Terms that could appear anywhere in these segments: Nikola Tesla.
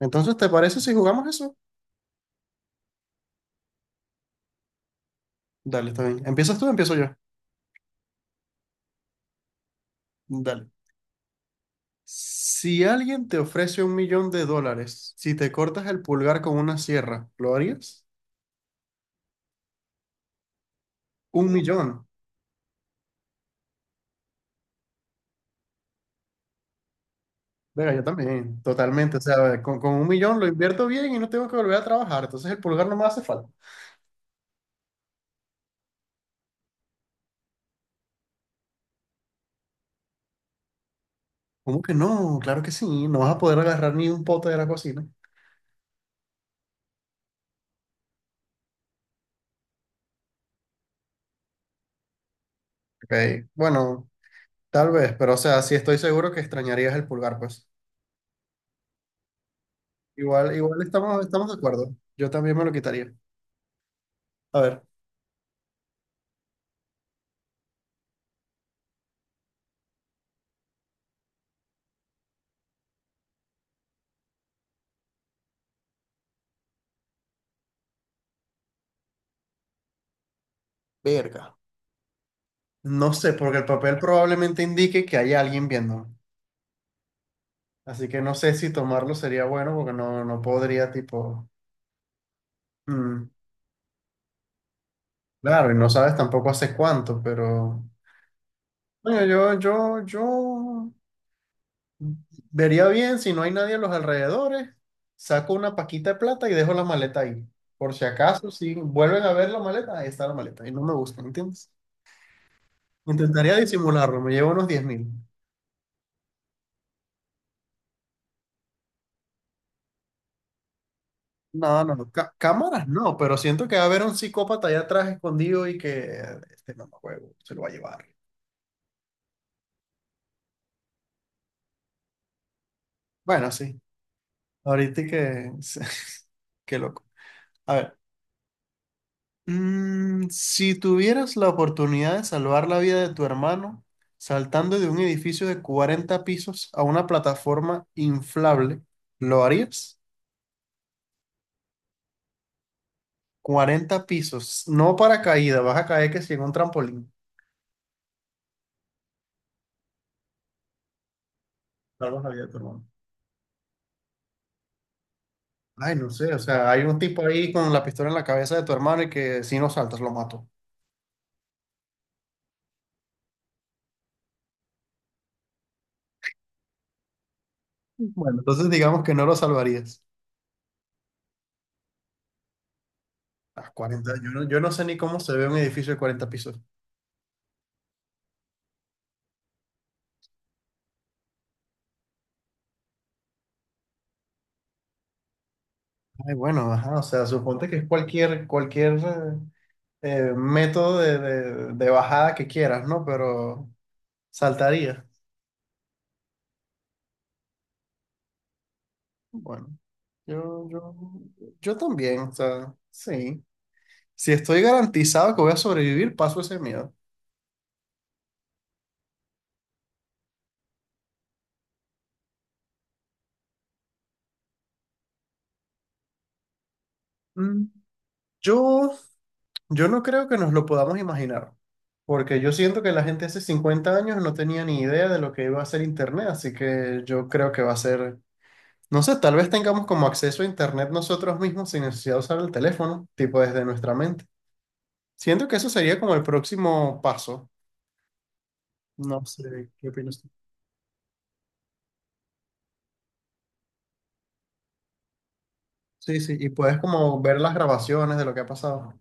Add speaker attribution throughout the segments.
Speaker 1: Entonces, ¿te parece si jugamos eso? Dale, está bien. ¿Empiezas tú o empiezo yo? Dale. Si alguien te ofrece un millón de dólares, si te cortas el pulgar con una sierra, ¿lo harías? Un millón. Venga, yo también, totalmente. O sea, con un millón lo invierto bien y no tengo que volver a trabajar. Entonces el pulgar no me hace falta. ¿Cómo que no? Claro que sí. No vas a poder agarrar ni un pote de la cocina. Ok, bueno, tal vez, pero o sea, sí estoy seguro que extrañarías el pulgar, pues. Igual estamos de acuerdo. Yo también me lo quitaría. A ver. Verga. No sé, porque el papel probablemente indique que hay alguien viéndome. Así que no sé si tomarlo sería bueno porque no, no podría, tipo. mm, Claro, y no sabes tampoco hace cuánto, pero. Bueno, yo vería bien si no hay nadie a los alrededores. Saco una paquita de plata y dejo la maleta ahí. Por si acaso, si vuelven a ver la maleta, ahí está la maleta. Y no me gusta, ¿entiendes? Intentaría disimularlo, me llevo unos 10.000. No, no, no. Cámaras no, pero siento que va a haber un psicópata allá atrás escondido y que este mamahuevo se lo va a llevar. Bueno, sí. Ahorita y que... Qué loco. A ver. Mm, si tuvieras la oportunidad de salvar la vida de tu hermano saltando de un edificio de 40 pisos a una plataforma inflable, ¿lo harías? 40 pisos. No para caída, vas a caer que si en un trampolín. Salvas la vida de tu hermano. Ay, no sé, o sea, hay un tipo ahí con la pistola en la cabeza de tu hermano y que si no saltas lo mato. Bueno, entonces digamos que no lo salvarías. Ah, 40 yo no, yo no sé ni cómo se ve un edificio de 40 pisos. Ay, bueno, ajá, o sea, suponte que es cualquier método de bajada que quieras, ¿no? Pero saltaría. Bueno, yo, yo, yo también, o sea, sí. Si estoy garantizado que voy a sobrevivir, paso ese miedo. Mm, Yo Yo no creo que nos lo podamos imaginar, porque yo siento que la gente hace 50 años no tenía ni idea de lo que iba a ser Internet, así que yo creo que va a ser, no sé, tal vez tengamos como acceso a Internet nosotros mismos sin necesidad de usar el teléfono, tipo desde nuestra mente. Siento que eso sería como el próximo paso. No sé, ¿qué opinas tú? Sí, sí, y puedes como ver las grabaciones de lo que ha pasado.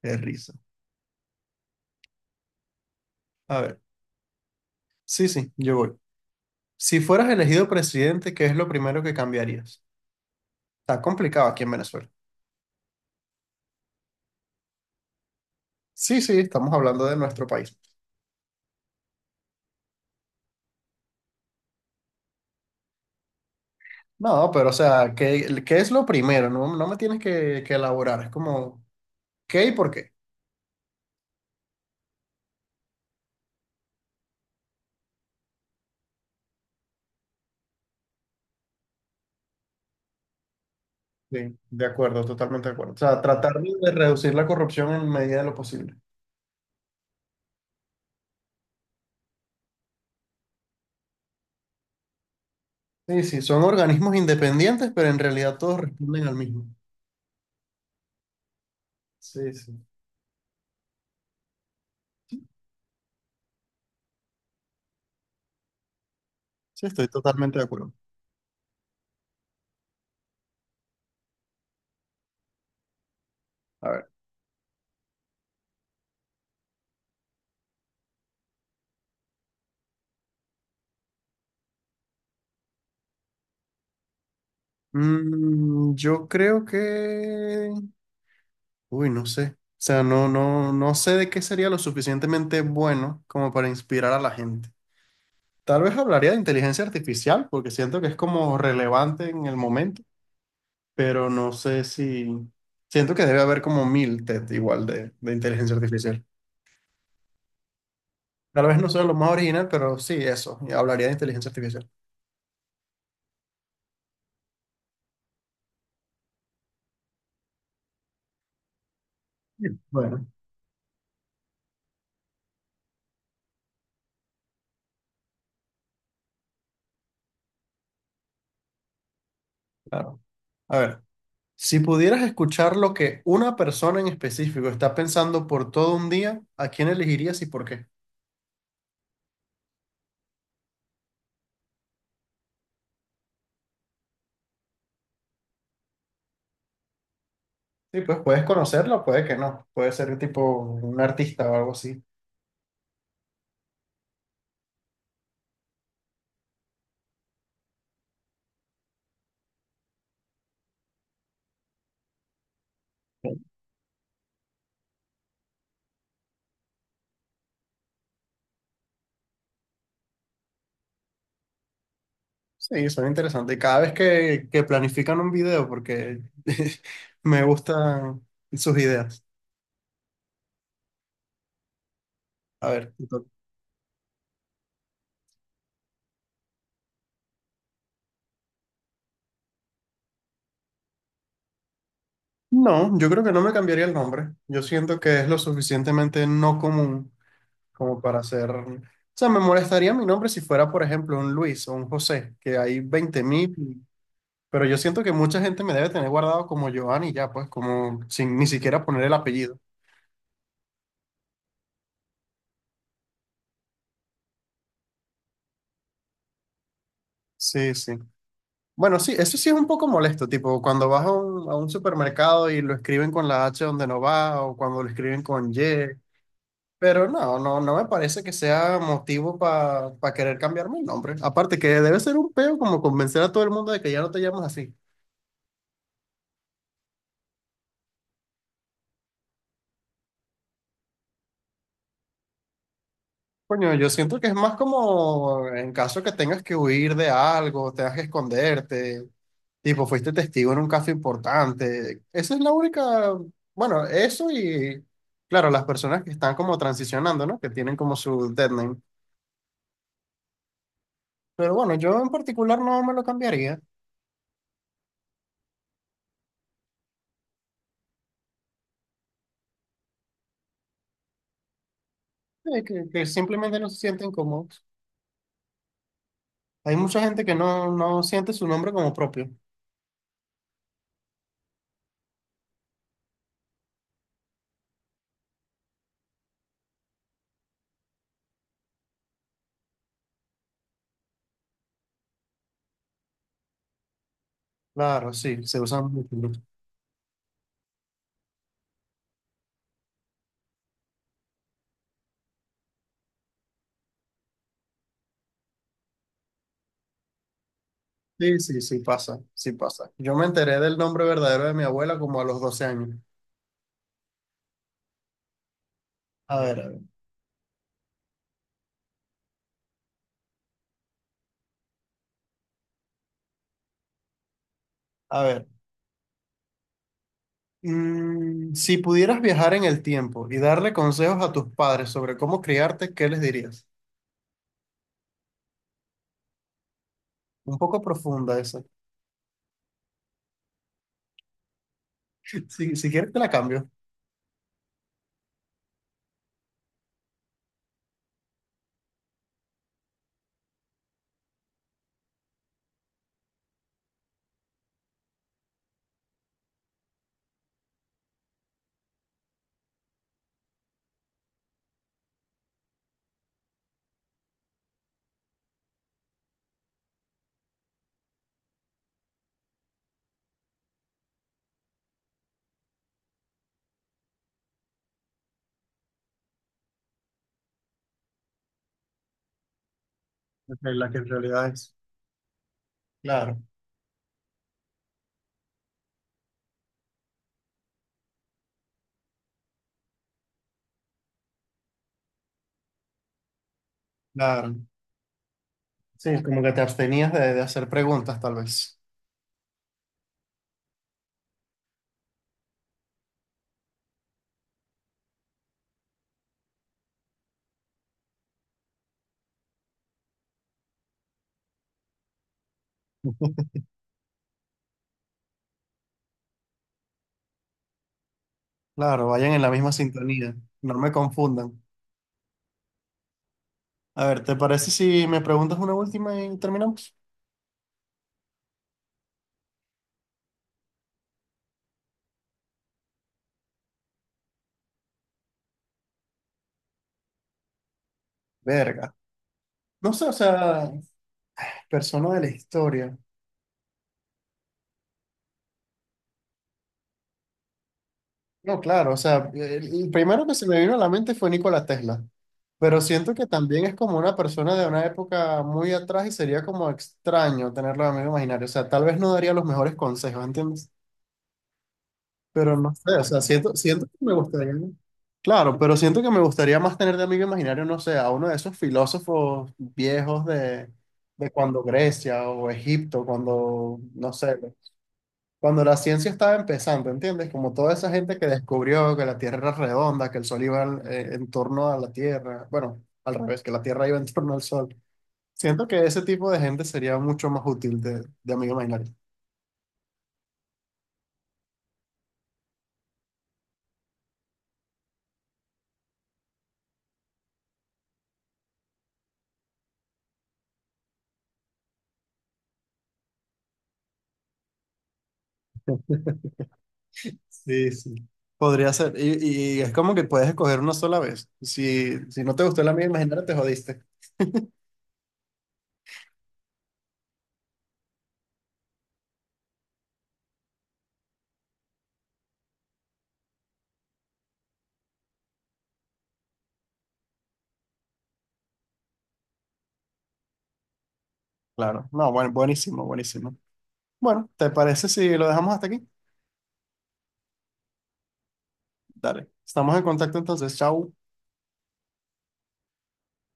Speaker 1: Qué risa. A ver, sí, sí, yo voy. Si fueras elegido presidente, ¿qué es lo primero que cambiarías? Está complicado aquí en Venezuela. Sí, sí, estamos hablando de nuestro país. No, pero o sea, ¿qué, qué es lo primero? No, no me tienes que elaborar, es como, ¿qué y por qué? Sí, de acuerdo, totalmente de acuerdo. O sea, tratar de reducir la corrupción en medida de lo posible. Sí, sí, son organismos independientes, pero en realidad todos responden al mismo. Sí, sí. Sí, estoy totalmente de acuerdo. A ver, mm, yo creo que... Uy, no sé. O sea, no, no, no sé de qué sería lo suficientemente bueno como para inspirar a la gente. Tal vez hablaría de inteligencia artificial porque siento que es como relevante en el momento, pero no sé si... Siento que debe haber como mil TED igual de inteligencia artificial. Tal vez no sea lo más original, pero sí, eso. Y hablaría de inteligencia artificial. Bien, bueno, claro. A ver, si pudieras escuchar lo que una persona en específico está pensando por todo un día, ¿a quién elegirías y por qué? Sí, pues puedes conocerlo, puede que no. Puede ser tipo un artista o algo así. Sí, son interesantes. Cada vez que, planifican un video, porque me gustan sus ideas. A ver, entonces- no, yo creo que no me cambiaría el nombre. Yo siento que es lo suficientemente no común como para ser... O sea, me molestaría mi nombre si fuera, por ejemplo, un Luis o un José, que hay 20.000, pero yo siento que mucha gente me debe tener guardado como Giovanni ya, pues, como sin ni siquiera poner el apellido. Sí, sí. Bueno, sí, eso sí es un poco molesto, tipo cuando vas a un supermercado y lo escriben con la H donde no va o cuando lo escriben con Y, pero no, no, no me parece que sea motivo para querer cambiarme el nombre. Aparte que debe ser un peo como convencer a todo el mundo de que ya no te llamas así. Coño, yo siento que es más como en caso que tengas que huir de algo, tengas que esconderte, tipo, fuiste testigo en un caso importante. Esa es la única, bueno, eso y, claro, las personas que están como transicionando, ¿no? Que tienen como su dead name. Pero bueno, yo en particular no me lo cambiaría. Que simplemente no se sienten cómodos. Hay mucha gente que no, no siente su nombre como propio. Claro, sí, se usan mucho. Sí, sí, sí pasa, sí pasa. Yo me enteré del nombre verdadero de mi abuela como a los 12 años. A ver, a ver, a ver. Mm, si pudieras viajar en el tiempo y darle consejos a tus padres sobre cómo criarte, ¿qué les dirías? Un poco profunda esa. Si quieres te la cambio. Ok, la que en realidad es. Claro, claro. Sí, como que te abstenías de hacer preguntas, tal vez. Claro, vayan en la misma sintonía. No me confundan. A ver, ¿te parece si me preguntas una última y terminamos? Verga. No sé, o sea, persona de la historia. No, claro, o sea, el primero que se me vino a la mente fue Nikola Tesla, pero siento que también es como una persona de una época muy atrás y sería como extraño tenerlo de amigo imaginario, o sea, tal vez no daría los mejores consejos, ¿entiendes? Pero no sé, o sea, siento, siento que me gustaría, claro, pero siento que me gustaría más tener de amigo imaginario, no sé, a uno de esos filósofos viejos de cuando Grecia o Egipto, cuando, no sé, cuando la ciencia estaba empezando, ¿entiendes? Como toda esa gente que descubrió que la Tierra era redonda, que el Sol iba en torno a la Tierra, bueno, al revés, que la Tierra iba en torno al Sol. Siento que ese tipo de gente sería mucho más útil de amigo imaginario. Sí, sí. Podría ser, y es como que puedes escoger una sola vez. Si no te gustó el amigo imaginario, te jodiste. Claro, no, bueno, buenísimo, buenísimo. Bueno, ¿te parece si lo dejamos hasta aquí? Dale, estamos en contacto entonces, chao.